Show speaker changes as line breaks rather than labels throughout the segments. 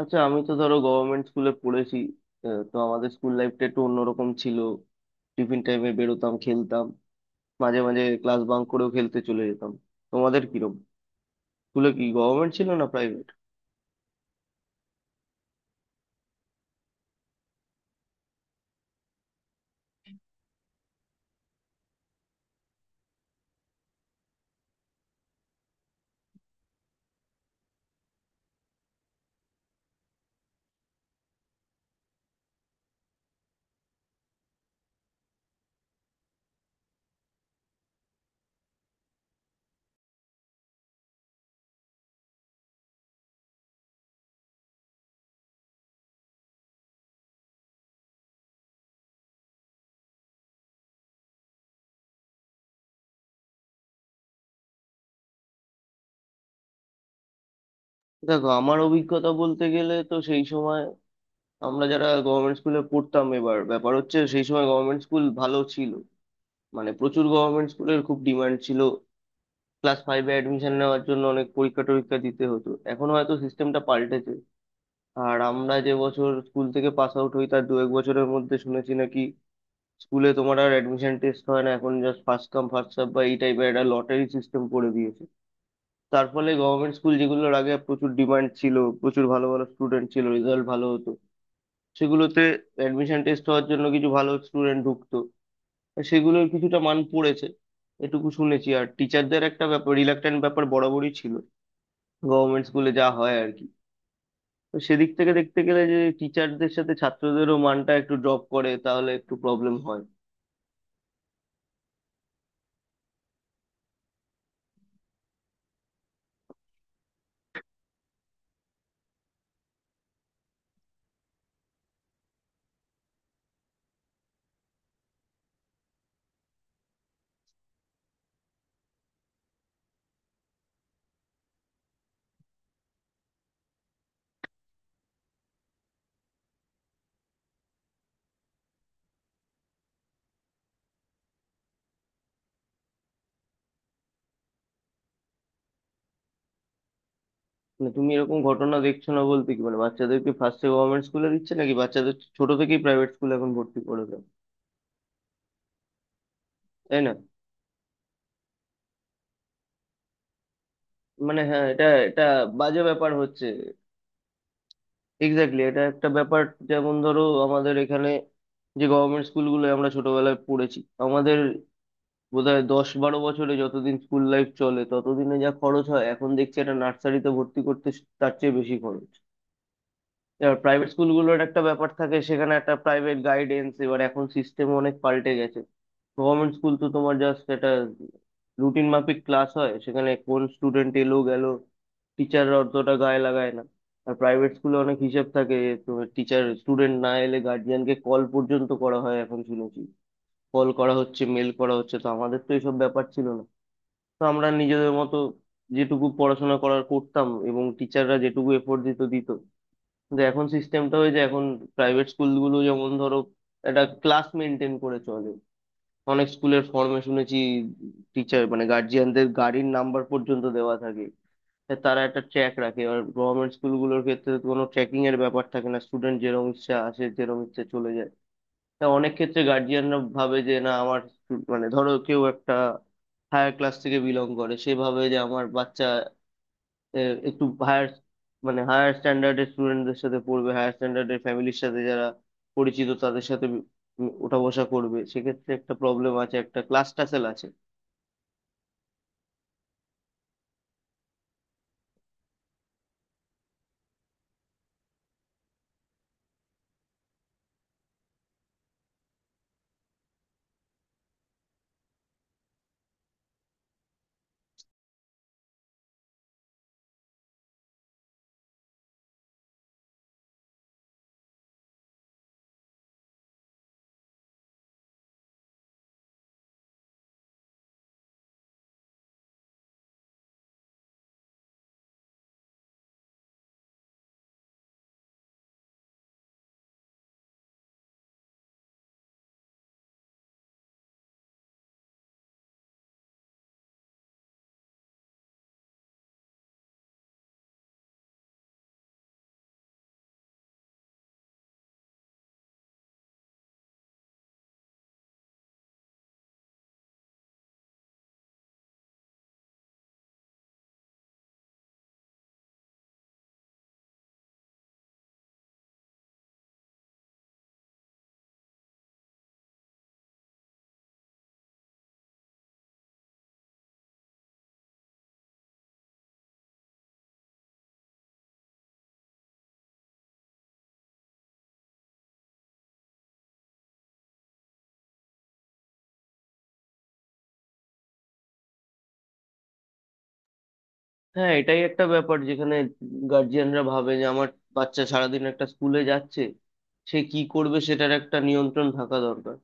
আচ্ছা আমি তো ধরো গভর্নমেন্ট স্কুলে পড়েছি। তো আমাদের স্কুল লাইফটা একটু অন্যরকম ছিল। টিফিন টাইমে বেরোতাম, খেলতাম। মাঝে মাঝে ক্লাস বাঙ্ক করেও খেলতে চলে যেতাম। তোমাদের কিরকম? স্কুলে কি গভর্নমেন্ট ছিল না প্রাইভেট? দেখো, আমার অভিজ্ঞতা বলতে গেলে তো সেই সময় আমরা যারা গভর্নমেন্ট স্কুলে পড়তাম, এবার ব্যাপার হচ্ছে সেই সময় গভর্নমেন্ট স্কুল ভালো ছিল। মানে প্রচুর গভর্নমেন্ট স্কুলের খুব ডিমান্ড ছিল। ক্লাস 5-এ অ্যাডমিশন নেওয়ার জন্য অনেক পরীক্ষা টরীক্ষা দিতে হতো, এখন হয়তো সিস্টেমটা পাল্টেছে। আর আমরা যে বছর স্কুল থেকে পাস আউট হই তার 1-2 বছরের মধ্যে শুনেছি নাকি স্কুলে তোমার আর অ্যাডমিশন টেস্ট হয় না, এখন just first come first serve বা এই টাইপের একটা লটারি সিস্টেম করে দিয়েছে। তার ফলে গভর্নমেন্ট স্কুল যেগুলোর আগে প্রচুর ডিমান্ড ছিল, প্রচুর ভালো ভালো স্টুডেন্ট ছিল, রেজাল্ট ভালো হতো, সেগুলোতে অ্যাডমিশন টেস্ট হওয়ার জন্য কিছু ভালো স্টুডেন্ট ঢুকতো, আর সেগুলোর কিছুটা মান পড়েছে এটুকু শুনেছি। আর টিচারদের একটা ব্যাপার, রিলাক্ট্যান্ট ব্যাপার বরাবরই ছিল গভর্নমেন্ট স্কুলে, যা হয় আর কি। তো সেদিক থেকে দেখতে গেলে যে টিচারদের সাথে ছাত্রদেরও মানটা একটু ড্রপ করে, তাহলে একটু প্রবলেম হয়। মানে তুমি এরকম ঘটনা দেখছো না বলতে কি মানে বাচ্চাদেরকে ফার্স্টে গভর্নমেন্ট স্কুলে দিচ্ছে নাকি বাচ্চাদের ছোট থেকেই প্রাইভেট স্কুলে এখন ভর্তি করে দেয়, তাই না? মানে হ্যাঁ, এটা এটা বাজে ব্যাপার হচ্ছে। এক্স্যাক্টলি, এটা একটা ব্যাপার। যেমন ধরো আমাদের এখানে যে গভর্নমেন্ট স্কুলগুলো আমরা ছোটবেলায় পড়েছি, আমাদের বোধহয় 10-12 বছরে যতদিন স্কুল লাইফ চলে ততদিনে যা খরচ হয়, এখন দেখছি একটা নার্সারিতে ভর্তি করতে তার চেয়ে বেশি খরচ। এবার প্রাইভেট স্কুলগুলোর একটা ব্যাপার থাকে, সেখানে একটা প্রাইভেট গাইডেন্স। এবার এখন সিস্টেম অনেক পাল্টে গেছে। গভর্নমেন্ট স্কুল তো তোমার জাস্ট একটা রুটিন মাফিক ক্লাস হয়, সেখানে কোন স্টুডেন্ট এলো গেল টিচাররা অতটা গায়ে লাগায় না। আর প্রাইভেট স্কুলে অনেক হিসেব থাকে। তোমার টিচার, স্টুডেন্ট না এলে গার্জিয়ানকে কল পর্যন্ত করা হয় এখন শুনেছি। কল করা হচ্ছে, মেল করা হচ্ছে। তো আমাদের তো এইসব ব্যাপার ছিল না। তো আমরা নিজেদের মতো যেটুকু পড়াশোনা করার করতাম, এবং টিচাররা যেটুকু এফোর্ট দিত দিত। যে এখন সিস্টেমটা হয়েছে, এখন প্রাইভেট স্কুলগুলো যেমন ধরো একটা ক্লাস মেনটেন করে চলে। অনেক স্কুলের ফর্মে শুনেছি টিচার মানে গার্জিয়ানদের গাড়ির নাম্বার পর্যন্ত দেওয়া থাকে, তা তারা একটা ট্র্যাক রাখে। আর গভর্নমেন্ট স্কুলগুলোর ক্ষেত্রে তো কোনো ট্র্যাকিং এর ব্যাপার থাকে না, স্টুডেন্ট যেরকম ইচ্ছা আসে যেরকম ইচ্ছা চলে যায়। তা অনেক ক্ষেত্রে গার্জিয়ানরা ভাবে যে না, আমার মানে ধরো কেউ একটা হায়ার ক্লাস থেকে বিলং করে সেভাবে যে আমার বাচ্চা এ, একটু হায়ার, মানে হায়ার স্ট্যান্ডার্ডের স্টুডেন্টদের সাথে পড়বে, হায়ার স্ট্যান্ডার্ডের ফ্যামিলির সাথে যারা পরিচিত তাদের সাথে ওঠা বসা করবে। সেক্ষেত্রে একটা প্রবলেম আছে, একটা ক্লাস টাসেল আছে। হ্যাঁ, এটাই একটা ব্যাপার যেখানে গার্জিয়ানরা ভাবে যে আমার বাচ্চা সারাদিন একটা স্কুলে যাচ্ছে, সে কি করবে সেটার একটা নিয়ন্ত্রণ থাকা দরকার।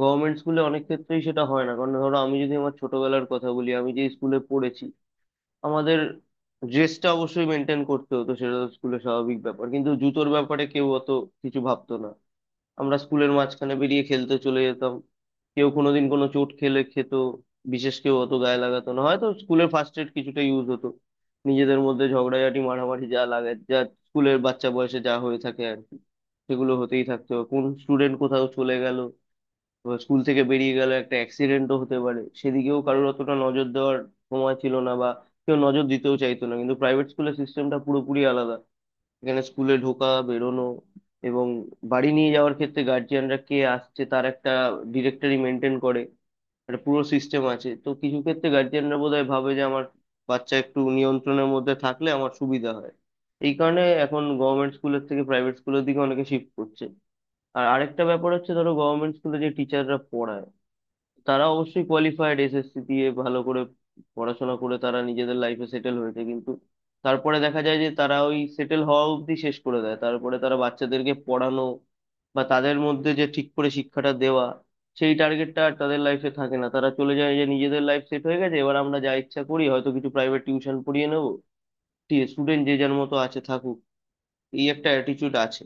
গভর্নমেন্ট স্কুলে অনেক ক্ষেত্রেই সেটা হয় না, কারণ ধরো আমি যদি আমার ছোটবেলার কথা বলি, আমি যে স্কুলে পড়েছি আমাদের ড্রেসটা অবশ্যই মেনটেন করতে হতো, সেটা তো স্কুলের স্বাভাবিক ব্যাপার, কিন্তু জুতোর ব্যাপারে কেউ অত কিছু ভাবতো না। আমরা স্কুলের মাঝখানে বেরিয়ে খেলতে চলে যেতাম, কেউ কোনোদিন কোনো চোট খেলে খেত, বিশেষ কেউ অত গায়ে লাগাতো না, হয়তো স্কুলের ফার্স্ট এড কিছুটা ইউজ হতো। নিজেদের মধ্যে ঝগড়াঝাটি মারামারি যা লাগে, যা স্কুলের বাচ্চা বয়সে যা হয়ে থাকে আর কি, সেগুলো হতেই থাকতো। কোন স্টুডেন্ট কোথাও চলে গেল, এবার স্কুল থেকে বেরিয়ে গেল, একটা অ্যাক্সিডেন্টও হতে পারে, সেদিকেও কারোর অতটা নজর দেওয়ার সময় ছিল না বা কেউ নজর দিতেও চাইতো না। কিন্তু প্রাইভেট স্কুলের সিস্টেমটা পুরোপুরি আলাদা। এখানে স্কুলে ঢোকা, বেরোনো এবং বাড়ি নিয়ে যাওয়ার ক্ষেত্রে গার্জিয়ানরা কে আসছে তার একটা ডিরেক্টরি মেনটেন করে, একটা পুরো সিস্টেম আছে। তো কিছু ক্ষেত্রে গার্জিয়ানরা বোধহয় ভাবে যে আমার বাচ্চা একটু নিয়ন্ত্রণের মধ্যে থাকলে আমার সুবিধা হয়। এই কারণে এখন গভর্নমেন্ট স্কুলের থেকে প্রাইভেট স্কুলের দিকে অনেকে শিফট করছে। আর আরেকটা ব্যাপার হচ্ছে, ধরো গভর্নমেন্ট স্কুলে যে তারা অবশ্যই কোয়ালিফাইড, এসএসসি দিয়ে ভালো করে পড়াশোনা করে তারা নিজেদের লাইফে সেটেল হয়েছে, কিন্তু তারপরে দেখা যায় যে তারা ওই সেটেল হওয়া অবধি শেষ করে দেয়। তারপরে তারা বাচ্চাদেরকে পড়ানো বা তাদের মধ্যে যে ঠিক করে শিক্ষাটা দেওয়া, সেই টার্গেটটা আর তাদের লাইফে থাকে না। তারা চলে যায় যে নিজেদের লাইফ সেট হয়ে গেছে, এবার আমরা যা ইচ্ছা করি, হয়তো কিছু প্রাইভেট টিউশন পড়িয়ে নেবো, স্টুডেন্ট যে যার মতো আছে থাকুক, এই একটা অ্যাটিটিউড আছে।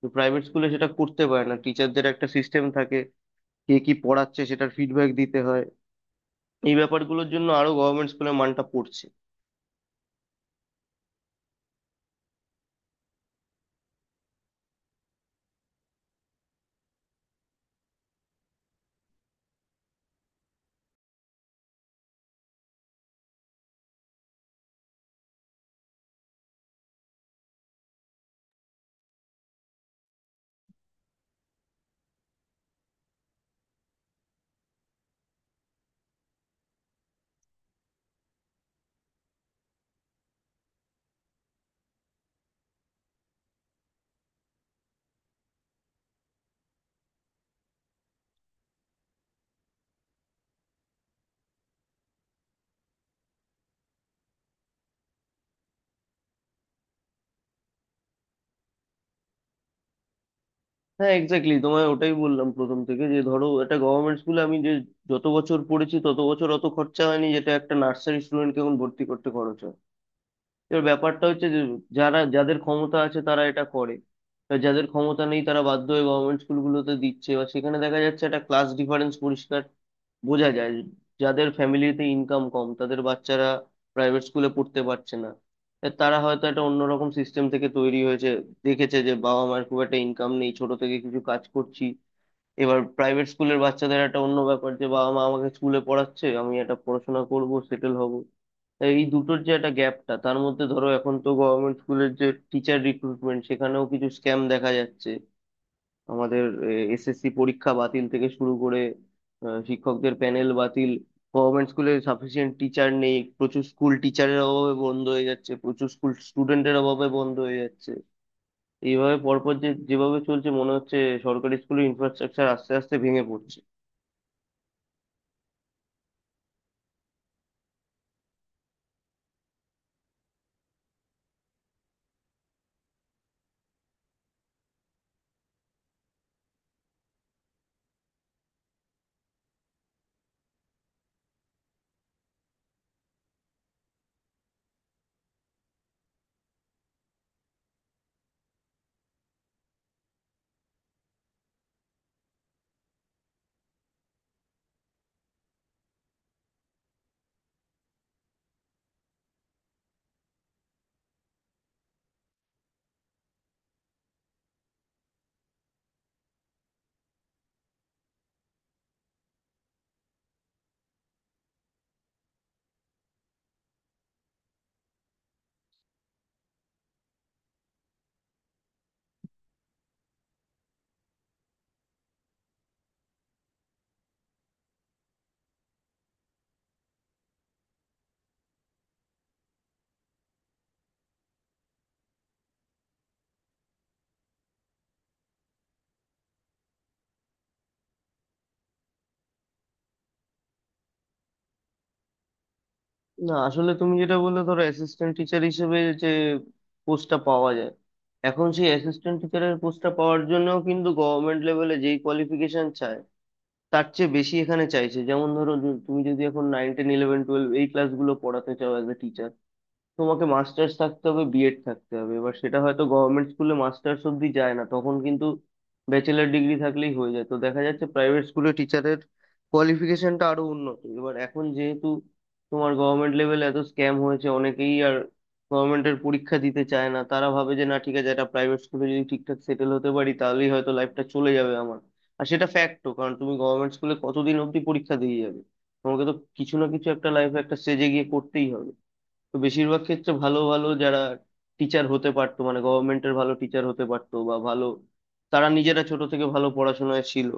তো প্রাইভেট স্কুলে সেটা করতে পারে না, টিচারদের একটা সিস্টেম থাকে, কে কি পড়াচ্ছে সেটার ফিডব্যাক দিতে হয়। এই ব্যাপারগুলোর জন্য আরো গভর্নমেন্ট স্কুলের মানটা পড়ছে। হ্যাঁ এক্স্যাক্টলি, তোমায় ওটাই বললাম প্রথম থেকে যে ধরো একটা গভর্নমেন্ট স্কুলে আমি যে যত বছর পড়েছি, তত বছর অত খরচা হয়নি যেটা একটা নার্সারি স্টুডেন্টকে এখন ভর্তি করতে খরচ হয়। এবার ব্যাপারটা হচ্ছে যে যারা, যাদের ক্ষমতা আছে তারা এটা করে, আর যাদের ক্ষমতা নেই তারা বাধ্য হয়ে গভর্নমেন্ট স্কুলগুলোতে দিচ্ছে। এবার সেখানে দেখা যাচ্ছে একটা ক্লাস ডিফারেন্স পরিষ্কার বোঝা যায়। যাদের ফ্যামিলিতে ইনকাম কম, তাদের বাচ্চারা প্রাইভেট স্কুলে পড়তে পারছে না। তা তারা হয়তো একটা অন্যরকম সিস্টেম থেকে তৈরি হয়েছে, দেখেছে যে বাবা মার খুব একটা ইনকাম নেই, ছোট থেকে কিছু কাজ করছি। এবার প্রাইভেট স্কুলের বাচ্চাদের একটা অন্য ব্যাপার, যে বাবা মা আমাকে স্কুলে পড়াচ্ছে, আমি একটা পড়াশোনা করব, সেটেল হব। তাই এই দুটোর যে একটা গ্যাপটা, তার মধ্যে ধরো এখন তো গভর্নমেন্ট স্কুলের যে টিচার রিক্রুটমেন্ট, সেখানেও কিছু স্ক্যাম দেখা যাচ্ছে। আমাদের এসএসসি পরীক্ষা বাতিল থেকে শুরু করে শিক্ষকদের প্যানেল বাতিল, গভর্নমেন্ট স্কুলে সাফিসিয়েন্ট টিচার নেই, প্রচুর স্কুল টিচারের অভাবে বন্ধ হয়ে যাচ্ছে, প্রচুর স্কুল স্টুডেন্টের অভাবে বন্ধ হয়ে যাচ্ছে। এইভাবে পরপর যে যেভাবে চলছে, মনে হচ্ছে সরকারি স্কুলের ইনফ্রাস্ট্রাকচার আস্তে আস্তে ভেঙে পড়ছে। না আসলে তুমি যেটা বললে, ধরো অ্যাসিস্ট্যান্ট টিচার হিসেবে যে পোস্টটা পাওয়া যায়, এখন সেই অ্যাসিস্ট্যান্ট টিচারের পোস্টটা পাওয়ার জন্যও কিন্তু গভর্নমেন্ট লেভেলে যেই কোয়ালিফিকেশন চায়, তার চেয়ে বেশি এখানে চাইছে। যেমন ধরো যে তুমি যদি এখন 9, 10, 11, 12 এই ক্লাসগুলো পড়াতে চাও অ্যাজ এ টিচার, তোমাকে মাস্টার্স থাকতে হবে, বিএড থাকতে হবে। এবার সেটা হয়তো গভর্নমেন্ট স্কুলে মাস্টার্স অব্দি যায় না, তখন কিন্তু ব্যাচেলার ডিগ্রি থাকলেই হয়ে যায়। তো দেখা যাচ্ছে প্রাইভেট স্কুলে টিচারের কোয়ালিফিকেশনটা আরো উন্নত। এবার এখন যেহেতু তোমার গভর্নমেন্ট লেভেলে এত স্ক্যাম হয়েছে, অনেকেই আর গভর্নমেন্টের পরীক্ষা দিতে চায় না। তারা ভাবে যে না ঠিক আছে, একটা প্রাইভেট স্কুলে যদি ঠিকঠাক সেটেল হতে পারি তাহলেই হয়তো লাইফটা চলে যাবে আমার। আর সেটা ফ্যাক্টও, কারণ তুমি গভর্নমেন্ট স্কুলে কতদিন অব্দি পরীক্ষা দিয়ে যাবে, তোমাকে তো কিছু না কিছু একটা লাইফে একটা স্টেজে গিয়ে করতেই হবে। তো বেশিরভাগ ক্ষেত্রে ভালো ভালো যারা টিচার হতে পারতো, মানে গভর্নমেন্টের ভালো টিচার হতে পারতো বা ভালো, তারা নিজেরা ছোট থেকে ভালো পড়াশোনায় ছিল,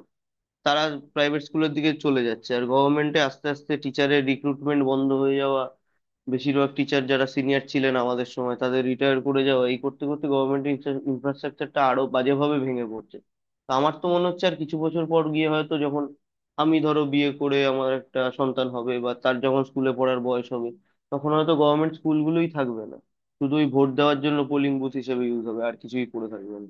তারা প্রাইভেট স্কুলের দিকে চলে যাচ্ছে। আর গভর্নমেন্টে আস্তে আস্তে টিচারের রিক্রুটমেন্ট বন্ধ হয়ে যাওয়া, বেশিরভাগ টিচার যারা সিনিয়র ছিলেন আমাদের সময় তাদের রিটায়ার করে যাওয়া, এই করতে করতে গভর্নমেন্টের ইনফ্রাস্ট্রাকচারটা আরো বাজেভাবে ভেঙে পড়ছে। তো আমার তো মনে হচ্ছে আর কিছু বছর পর গিয়ে হয়তো, যখন আমি ধরো বিয়ে করে আমার একটা সন্তান হবে বা তার যখন স্কুলে পড়ার বয়স হবে, তখন হয়তো গভর্নমেন্ট স্কুলগুলোই থাকবে না, শুধু ওই ভোট দেওয়ার জন্য পোলিং বুথ হিসেবে ইউজ হবে, আর কিছুই করে থাকবে না।